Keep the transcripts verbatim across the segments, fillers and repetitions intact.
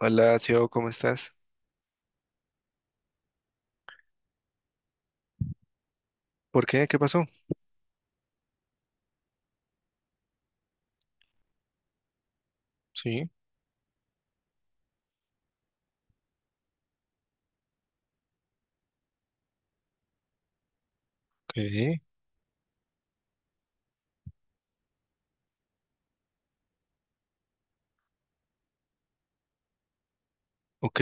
Hola, Sio, ¿cómo estás? ¿Por qué? ¿Qué pasó? Sí, ok, ok.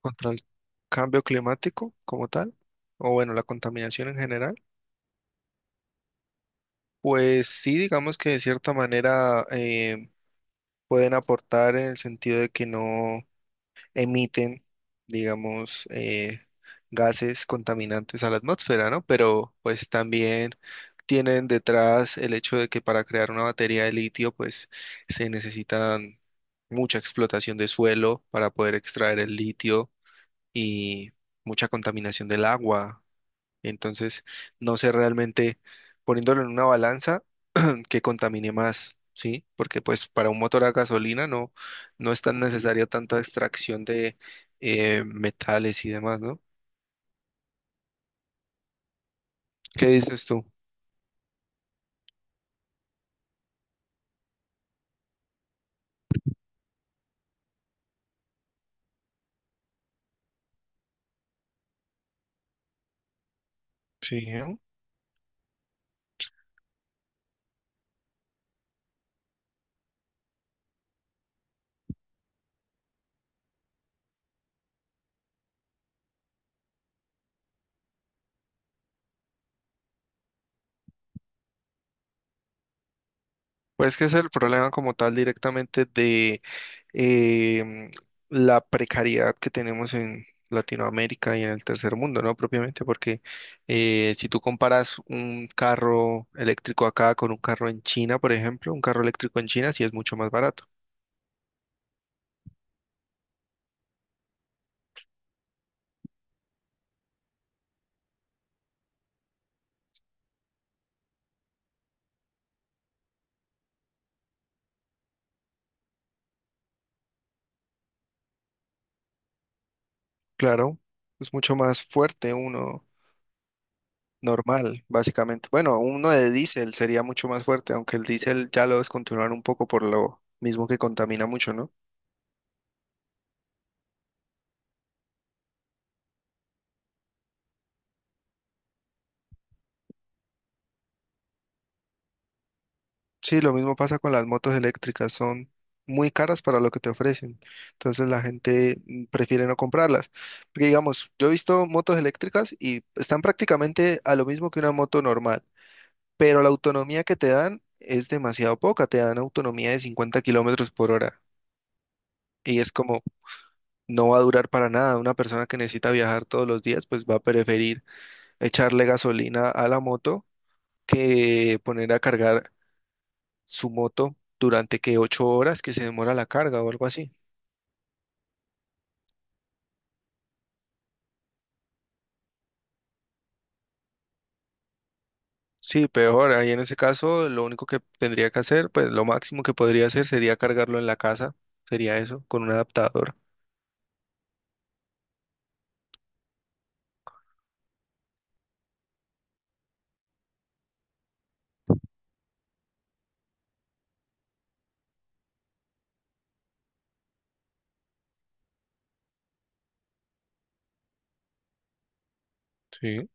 ¿Contra el cambio climático como tal? O bueno, la contaminación en general. Pues sí, digamos que de cierta manera eh, pueden aportar en el sentido de que no emiten, digamos, eh, gases contaminantes a la atmósfera, ¿no? Pero pues también tienen detrás el hecho de que para crear una batería de litio, pues se necesitan mucha explotación de suelo para poder extraer el litio y mucha contaminación del agua. Entonces, no sé realmente, poniéndolo en una balanza, que contamine más, ¿sí? Porque pues para un motor a gasolina no, no es tan necesaria tanta extracción de eh, metales y demás, ¿no? ¿Qué dices tú? Sí, ¿no? Pues que es el problema como tal directamente de em, la precariedad que tenemos en Latinoamérica y en el tercer mundo, ¿no? Propiamente porque eh, si tú comparas un carro eléctrico acá con un carro en China, por ejemplo, un carro eléctrico en China sí es mucho más barato. Claro, es mucho más fuerte uno normal, básicamente. Bueno, uno de diésel sería mucho más fuerte, aunque el diésel ya lo descontinuaron un poco por lo mismo que contamina mucho, ¿no? Sí, lo mismo pasa con las motos eléctricas, son muy caras para lo que te ofrecen, entonces la gente mm, prefiere no comprarlas. Porque digamos, yo he visto motos eléctricas y están prácticamente a lo mismo que una moto normal, pero la autonomía que te dan es demasiado poca, te dan autonomía de cincuenta kilómetros por hora y es como no va a durar para nada. Una persona que necesita viajar todos los días, pues va a preferir echarle gasolina a la moto que poner a cargar su moto durante que ocho horas que se demora la carga o algo así. Sí, peor. Ahí en ese caso, lo único que tendría que hacer, pues lo máximo que podría hacer sería cargarlo en la casa. Sería eso, con un adaptador. Sí,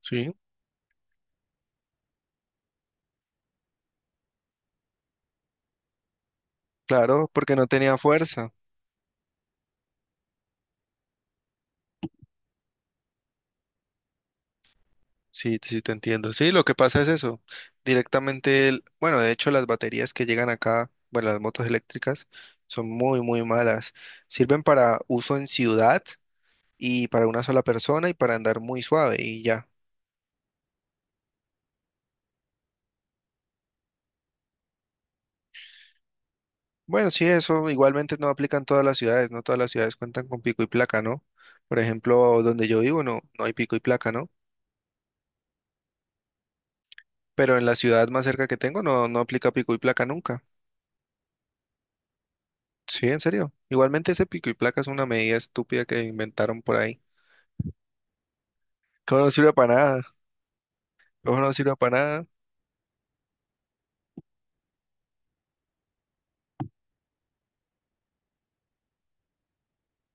sí. Claro, porque no tenía fuerza. Sí, sí te entiendo. Sí, lo que pasa es eso. Directamente, el- bueno, de hecho las baterías que llegan acá, bueno, las motos eléctricas, son muy, muy malas. Sirven para uso en ciudad y para una sola persona y para andar muy suave y ya. Bueno, sí, eso igualmente no aplica en todas las ciudades, no todas las ciudades cuentan con pico y placa, ¿no? Por ejemplo, donde yo vivo no, no hay pico y placa, ¿no? Pero en la ciudad más cerca que tengo no, no aplica pico y placa nunca. Sí, en serio. Igualmente ese pico y placa es una medida estúpida que inventaron por ahí. ¿Cómo no sirve para nada? ¿Cómo no sirve para nada?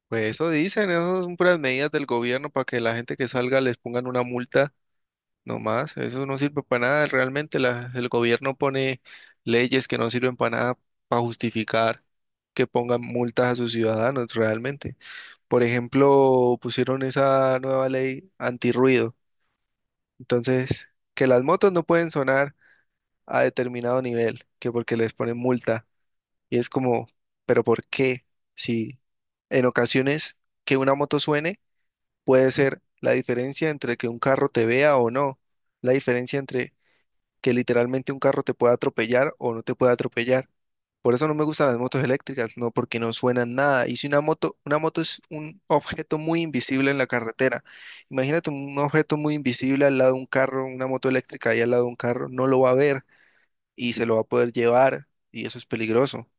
Pues eso dicen, eso son puras medidas del gobierno para que la gente que salga les pongan una multa. No más, eso no sirve para nada. Realmente la- el gobierno pone leyes que no sirven para nada para justificar que pongan multas a sus ciudadanos realmente. Por ejemplo, pusieron esa nueva ley antirruido. Entonces, que las motos no pueden sonar a determinado nivel, que porque les ponen multa. Y es como, ¿pero por qué? Si en ocasiones que una moto suene puede ser la diferencia entre que un carro te vea o no, la diferencia entre que literalmente un carro te pueda atropellar o no te pueda atropellar. Por eso no me gustan las motos eléctricas, no porque no suenan nada. Y si una moto, una moto es un objeto muy invisible en la carretera. Imagínate un objeto muy invisible al lado de un carro, una moto eléctrica ahí al lado de un carro, no lo va a ver y se lo va a poder llevar y eso es peligroso.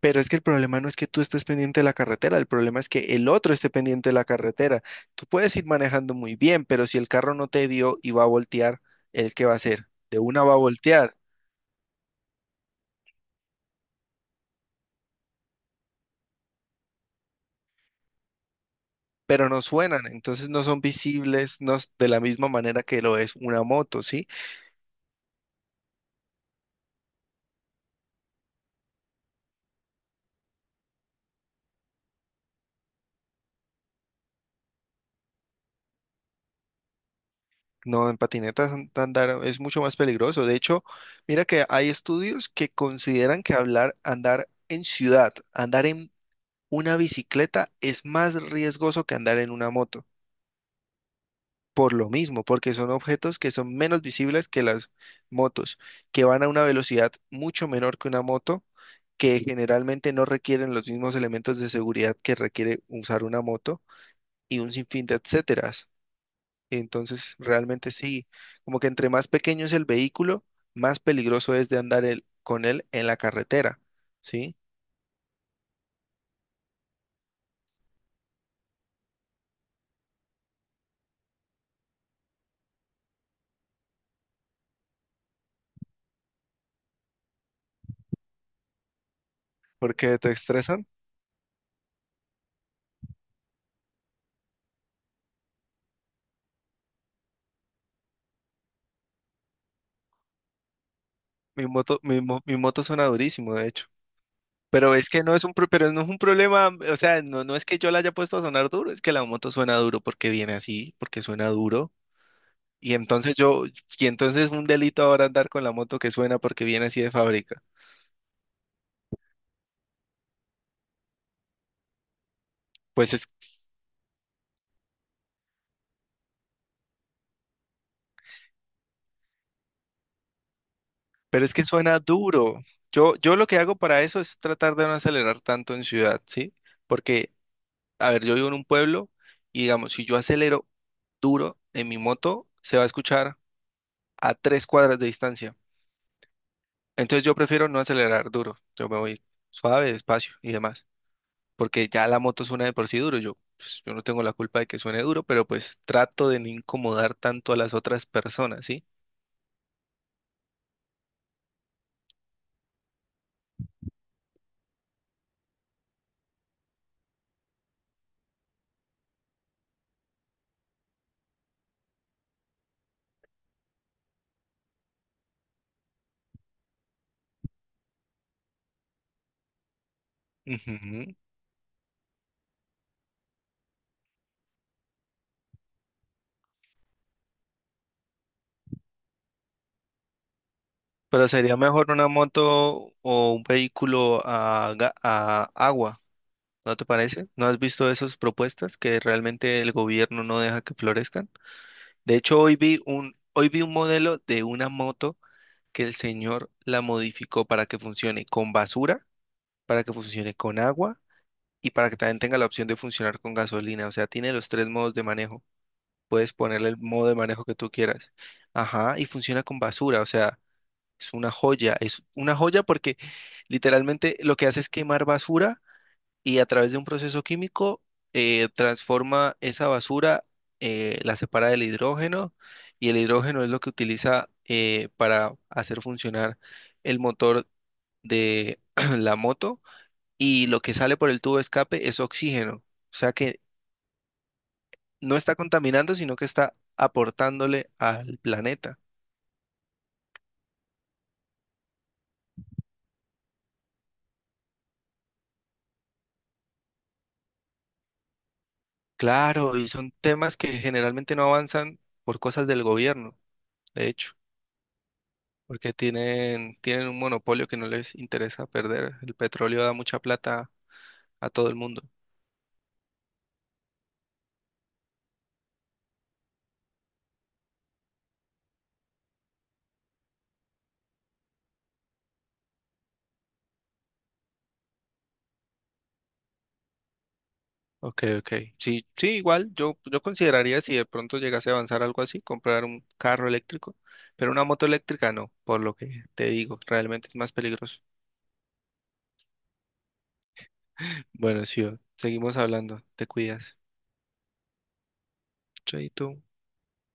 Pero es que el problema no es que tú estés pendiente de la carretera, el problema es que el otro esté pendiente de la carretera. Tú puedes ir manejando muy bien, pero si el carro no te vio y va a voltear, ¿el qué va a hacer? De una va a voltear. Pero no suenan, entonces no son visibles, no s- de la misma manera que lo es una moto, ¿sí? No, en patinetas an- andar es mucho más peligroso. De hecho, mira que hay estudios que consideran que hablar, andar en ciudad, andar en una bicicleta es más riesgoso que andar en una moto. Por lo mismo, porque son objetos que son menos visibles que las motos, que van a una velocidad mucho menor que una moto, que generalmente no requieren los mismos elementos de seguridad que requiere usar una moto y un sinfín de etcéteras. Entonces, realmente sí, como que entre más pequeño es el vehículo, más peligroso es de andar el- con él en la carretera, ¿sí? Porque te estresan. Mi moto, mi, mo- mi moto suena durísimo, de hecho. Pero es que no es un, pro- pero no es un problema, o sea, no, no es que yo la haya puesto a sonar duro, es que la moto suena duro porque viene así, porque suena duro. Y entonces yo, y entonces un delito ahora andar con la moto que suena porque viene así de fábrica. Pues es Pero es que suena duro. Yo, yo lo que hago para eso es tratar de no acelerar tanto en ciudad, ¿sí? Porque, a ver, yo vivo en un pueblo y digamos, si yo acelero duro en mi moto, se va a escuchar a tres cuadras de distancia. Entonces yo prefiero no acelerar duro. Yo me voy suave, despacio y demás. Porque ya la moto suena de por sí duro. Yo, pues, yo no tengo la culpa de que suene duro, pero pues trato de no incomodar tanto a las otras personas, ¿sí? Ujú. Pero sería mejor una moto o un vehículo a, ga- a agua, ¿no te parece? ¿No has visto esas propuestas que realmente el gobierno no deja que florezcan? De hecho, hoy vi un, hoy vi un modelo de una moto que el señor la modificó para que funcione con basura, para que funcione con agua y para que también tenga la opción de funcionar con gasolina. O sea, tiene los tres modos de manejo. Puedes ponerle el modo de manejo que tú quieras. Ajá, y funciona con basura, o sea. Es una joya, es una joya porque literalmente lo que hace es quemar basura y a través de un proceso químico eh, transforma esa basura, eh, la separa del hidrógeno y el hidrógeno es lo que utiliza eh, para hacer funcionar el motor de la moto y lo que sale por el tubo de escape es oxígeno. O sea que no está contaminando, sino que está aportándole al planeta. Claro, y son temas que generalmente no avanzan por cosas del gobierno. De hecho, porque tienen, tienen un monopolio que no les interesa perder. El petróleo da mucha plata a todo el mundo. Ok, ok. Sí, sí, igual yo, yo consideraría si de pronto llegase a avanzar algo así, comprar un carro eléctrico, pero una moto eléctrica no, por lo que te digo, realmente es más peligroso. Bueno, sí, va. Seguimos hablando, te cuidas. Chaito.